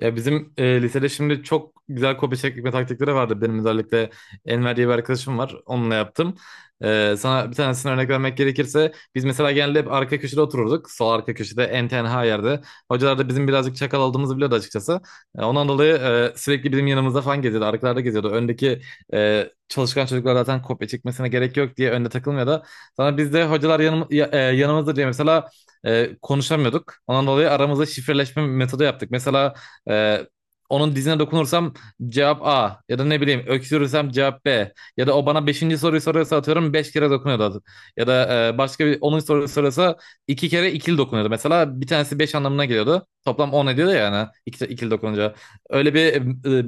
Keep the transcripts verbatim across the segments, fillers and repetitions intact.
Ya bizim e, lisede şimdi çok güzel kopya çekme taktikleri vardı. Benim özellikle Enver diye bir arkadaşım var. Onunla yaptım. E, sana bir tanesini örnek vermek gerekirse biz mesela genelde hep arka köşede otururduk. Sol arka köşede en tenha yerde. Hocalar da bizim birazcık çakal olduğumuzu biliyordu açıkçası. E, ondan dolayı e, sürekli bizim yanımızda falan geziyordu. Arkalarda geziyordu. Öndeki e, çalışkan çocuklar zaten kopya çekmesine gerek yok diye önde takılmıyordu. Sonra biz de hocalar yanım, ya- e, yanımızda diye mesela e, konuşamıyorduk. Ondan dolayı aramızda şifreleşme metodu yaptık. Mesela ee, onun dizine dokunursam cevap A, ya da ne bileyim öksürürsem cevap B, ya da o bana beşinci soruyu soruyorsa atıyorum beş kere dokunuyordu adı- ya da e, başka bir onuncu soruyu soruyorsa iki kere ikili dokunuyordu. Mesela bir tanesi beş anlamına geliyordu, toplam on ediyordu ya, yani iki, ikili dokununca öyle bir e,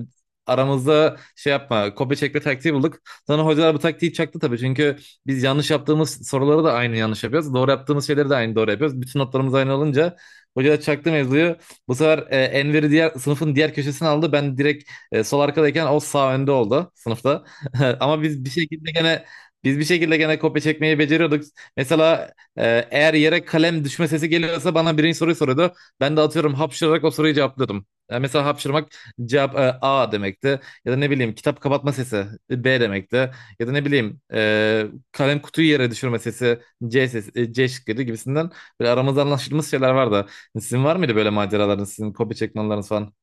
aramızda şey yapma, kopya çekme taktiği bulduk. Sonra hocalar bu taktiği çaktı tabii, çünkü biz yanlış yaptığımız soruları da aynı yanlış yapıyoruz, doğru yaptığımız şeyleri de aynı doğru yapıyoruz. Bütün notlarımız aynı olunca hocalar çaktı mevzuyu. Bu sefer e, Enver'i diğer sınıfın diğer köşesine aldı. Ben direkt e, sol arkadayken o sağ önde oldu sınıfta. Ama biz bir şekilde gene biz bir şekilde gene kopya çekmeyi beceriyorduk. Mesela e, eğer yere kalem düşme sesi geliyorsa bana birinci soruyu soruyordu. Ben de atıyorum hapşırarak o soruyu cevaplıyordum. E, mesela hapşırmak cevap e, A demekti. Ya da ne bileyim kitap kapatma sesi e, B demekti. Ya da ne bileyim e, kalem kutuyu yere düşürme sesi C sesi, e, C şıkkıydı gibisinden. Böyle aramızda anlaşılmış şeyler vardı. Sizin var mıydı böyle maceralarınız, sizin kopya çekmeleriniz falan?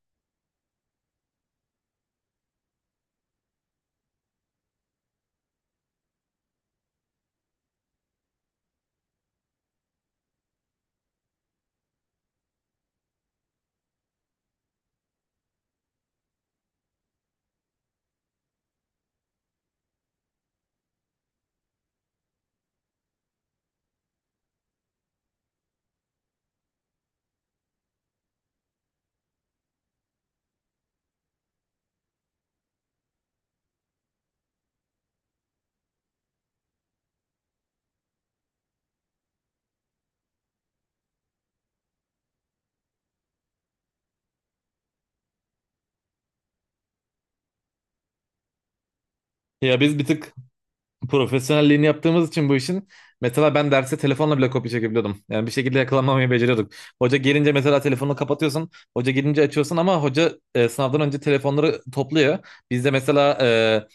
Ya biz bir tık profesyonelliğini yaptığımız için bu işin, mesela ben derse telefonla bile kopya çekebiliyordum. Yani bir şekilde yakalanmamayı beceriyorduk. Hoca gelince mesela telefonu kapatıyorsun. Hoca gelince açıyorsun, ama hoca e, sınavdan önce telefonları topluyor. Bizde mesela e,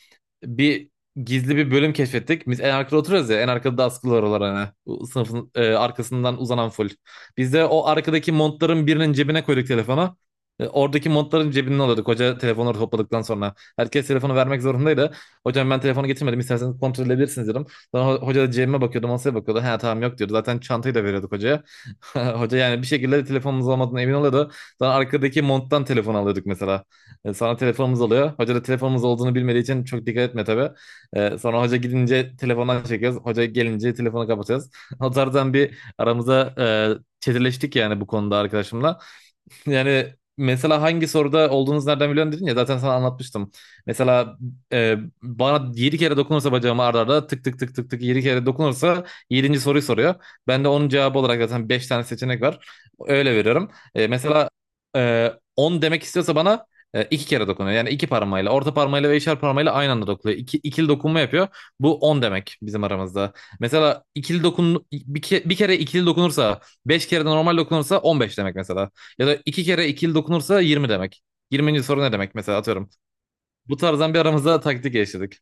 bir gizli bir bölüm keşfettik. Biz en arkada oturuyoruz ya. En arkada da askılar olan, hani. Bu sınıfın e, arkasından uzanan full. Biz de o arkadaki montların birinin cebine koyduk telefonu. E, oradaki montların cebinden alıyorduk, hoca telefonları topladıktan sonra. Herkes telefonu vermek zorundaydı. Hocam, ben telefonu getirmedim. İsterseniz kontrol edebilirsiniz, dedim. Sonra ho- hoca da cebime bakıyordu. Masaya bakıyordu. Ha tamam, yok diyordu. Zaten çantayı da veriyorduk hocaya. Hoca yani bir şekilde telefonumuz olmadığına emin oluyordu. Sonra arkadaki monttan telefon alıyorduk mesela. E, Sonra telefonumuz oluyor. Hoca da telefonumuz olduğunu bilmediği için çok dikkat etme tabii. E, sonra hoca gidince telefondan çekiyoruz. Hoca gelince telefonu kapatacağız. O tarzdan bir aramıza e, çetirleştik yani bu konuda arkadaşımla. Yani mesela hangi soruda olduğunuzu nereden biliyorsun dedin ya, zaten sana anlatmıştım. Mesela e, bana yedi kere dokunursa bacağıma, arda arda tık tık tık tık tık yedi kere dokunursa yedinci soruyu soruyor. Ben de onun cevabı olarak zaten beş tane seçenek var. Öyle veriyorum. E, mesela e, on demek istiyorsa bana e, iki kere dokunuyor. Yani iki parmağıyla, orta parmağıyla ve işaret parmağıyla aynı anda dokunuyor. İki, ikili dokunma yapıyor. Bu on demek bizim aramızda. Mesela ikili dokun bir, ke- bir kere ikili dokunursa, beş kere de normal dokunursa on beş demek mesela. Ya da iki kere ikili dokunursa yirmi demek. yirminci soru ne demek, mesela, atıyorum. Bu tarzdan bir aramızda taktik geliştirdik.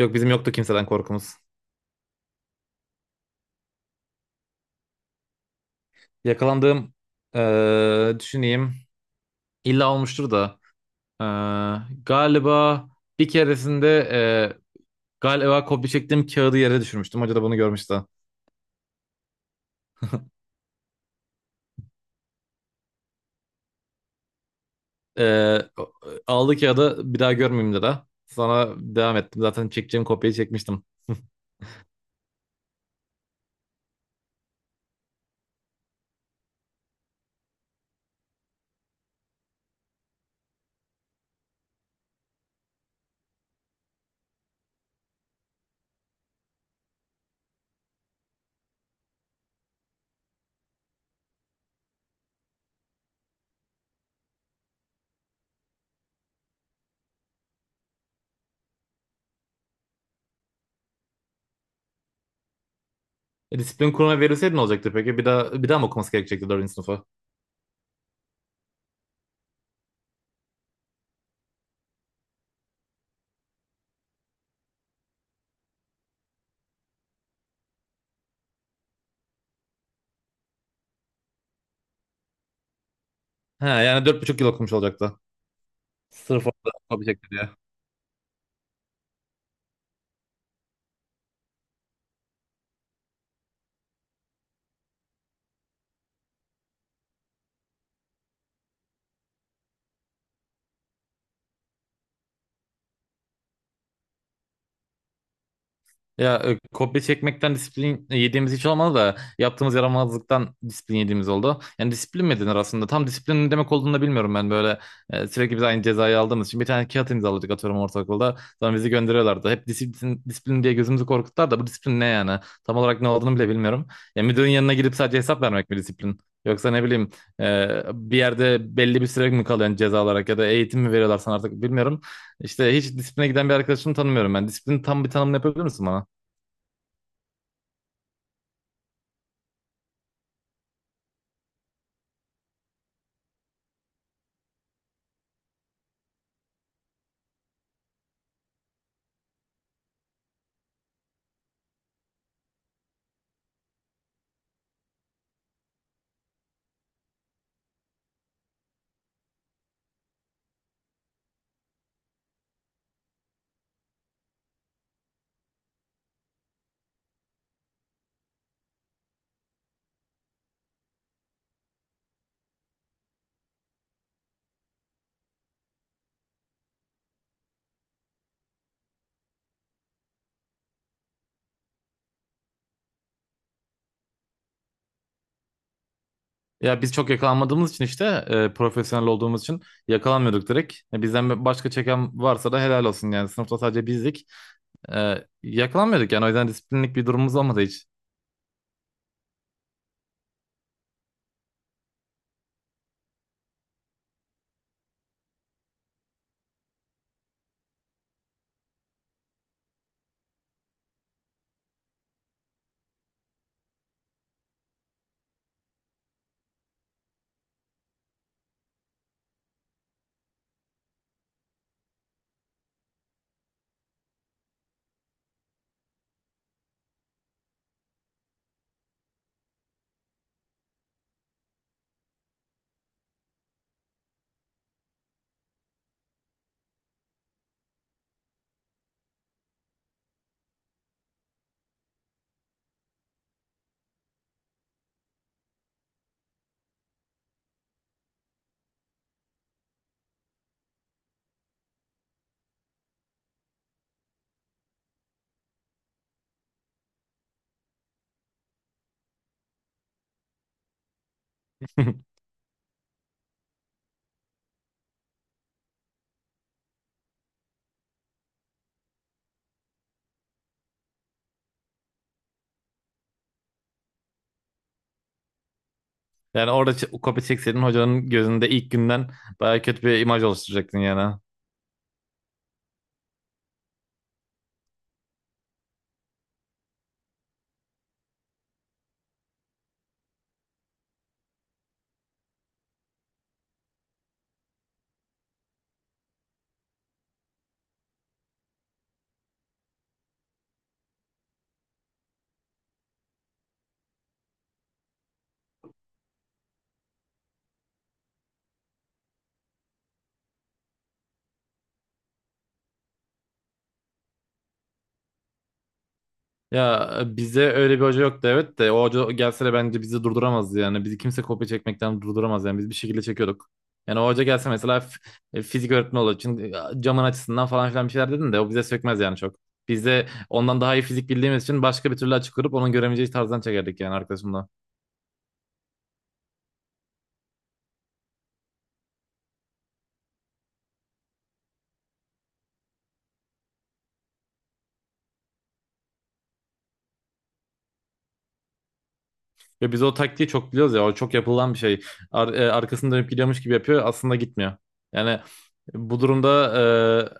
Yok, bizim yoktu kimseden korkumuz. Yakalandığım, eee, düşüneyim. İlla olmuştur da. eee, Galiba bir keresinde eee, galiba kopya çektiğim kağıdı yere düşürmüştüm. Hoca da bunu görmüştü. Eee Aldı kağıdı, bir daha görmeyeyim dedi. Sonra devam ettim. Zaten çekeceğim kopyayı çekmiştim. E, disiplin kuruluna verilseydi ne olacaktı peki? Bir daha bir daha mı okuması gerekecekti dördüncü sınıfa? Ha yani dört buçuk yıl okumuş olacaktı. Sırf orada yapabilecekler ya. Ya e, kopya çekmekten disiplin yediğimiz hiç olmadı da, yaptığımız yaramazlıktan disiplin yediğimiz oldu. Yani disiplin mi denir aslında? Tam disiplin ne demek olduğunu da bilmiyorum ben. Böyle e, sürekli biz aynı cezayı aldığımız için bir tane kağıt imzaladık, atıyorum, ortaokulda. Sonra bizi gönderiyorlardı. Hep disiplin, disiplin diye gözümüzü korkuttular da, bu disiplin ne yani? Tam olarak ne olduğunu bile bilmiyorum. Ya müdürün yanına gidip sadece hesap vermek mi disiplin? Yoksa ne bileyim e, bir yerde belli bir süre mi kalıyorsun ceza olarak, ya da eğitim mi veriyorlar sana, artık bilmiyorum. İşte hiç disipline giden bir arkadaşımı tanımıyorum ben. Disiplin, tam bir tanımını yapabilir misin bana? Ya biz çok yakalanmadığımız için, işte e, profesyonel olduğumuz için yakalanmıyorduk direkt. E, bizden başka çeken varsa da helal olsun, yani sınıfta sadece bizdik. E, yakalanmıyorduk yani, o yüzden disiplinlik bir durumumuz olmadı hiç. Yani orada ç- kopya çekseydin, hocanın gözünde ilk günden bayağı kötü bir imaj oluşturacaktın yani. Ya e, bize öyle bir hoca yoktu evet, de o hoca gelse de bence bizi durduramazdı yani. Bizi kimse kopya çekmekten durduramaz, yani biz bir şekilde çekiyorduk. Yani o hoca gelse mesela, f- e, fizik öğretmeni olur için e, camın açısından falan filan bir şeyler dedin de o bize sökmez yani çok. Biz de ondan daha iyi fizik bildiğimiz için başka bir türlü açık kurup onun göremeyeceği tarzdan çekerdik yani, arkasından. Ve biz o taktiği çok biliyoruz ya, o çok yapılan bir şey. Ar- e, arkasını dönüp gidiyormuş gibi yapıyor, aslında gitmiyor. Yani bu durumda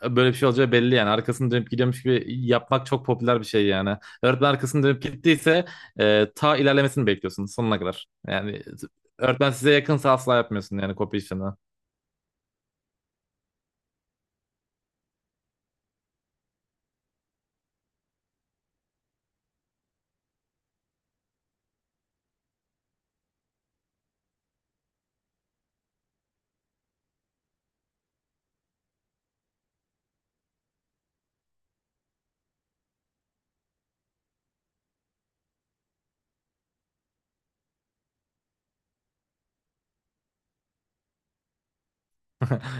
e, böyle bir şey olacağı belli yani. Arkasını dönüp gidiyormuş gibi yapmak çok popüler bir şey yani. Öğretmen arkasını dönüp gittiyse e, ta ilerlemesini bekliyorsun sonuna kadar. Yani öğretmen size yakınsa asla yapmıyorsun yani kopya işini.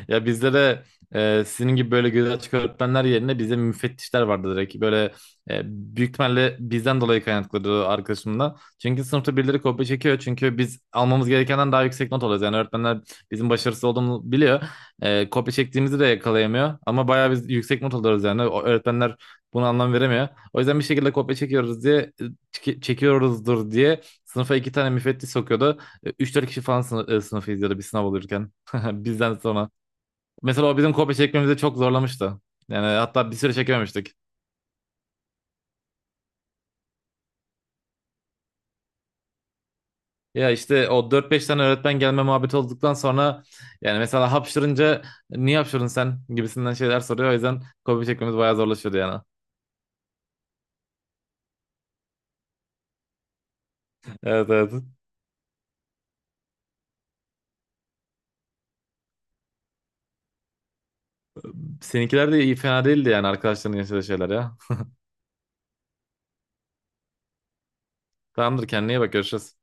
Ya bizde de e, sizin gibi böyle göz açık öğretmenler yerine bizde müfettişler vardı direkt. Böyle e, büyük ihtimalle bizden dolayı kaynaklıdır arkadaşımla. Çünkü sınıfta birileri kopya çekiyor. Çünkü biz almamız gerekenden daha yüksek not alıyoruz. Yani öğretmenler bizim başarısız olduğumuzu biliyor. E, kopya çektiğimizi de yakalayamıyor. Ama bayağı biz yüksek not alıyoruz yani. O öğretmenler buna anlam veremiyor. O yüzden bir şekilde kopya çekiyoruz diye, çeki- çekiyoruzdur diye sınıfa iki tane müfettiş sokuyordu. E, üç dört kişi falan sınıf, sınıfı izliyordu bir sınav olurken. Bizden sonra. Mesela o bizim kopya çekmemizi çok zorlamıştı. Yani hatta bir süre çekememiştik. Ya işte o dört beş tane öğretmen gelme muhabbeti olduktan sonra, yani mesela hapşırınca niye hapşırdın sen gibisinden şeyler soruyor. O yüzden kopya çekmemiz bayağı zorlaşıyordu yani. Evet, evet. Seninkiler de iyi, fena değildi yani arkadaşların yaşadığı şeyler ya. Tamamdır, kendine iyi bak, görüşürüz.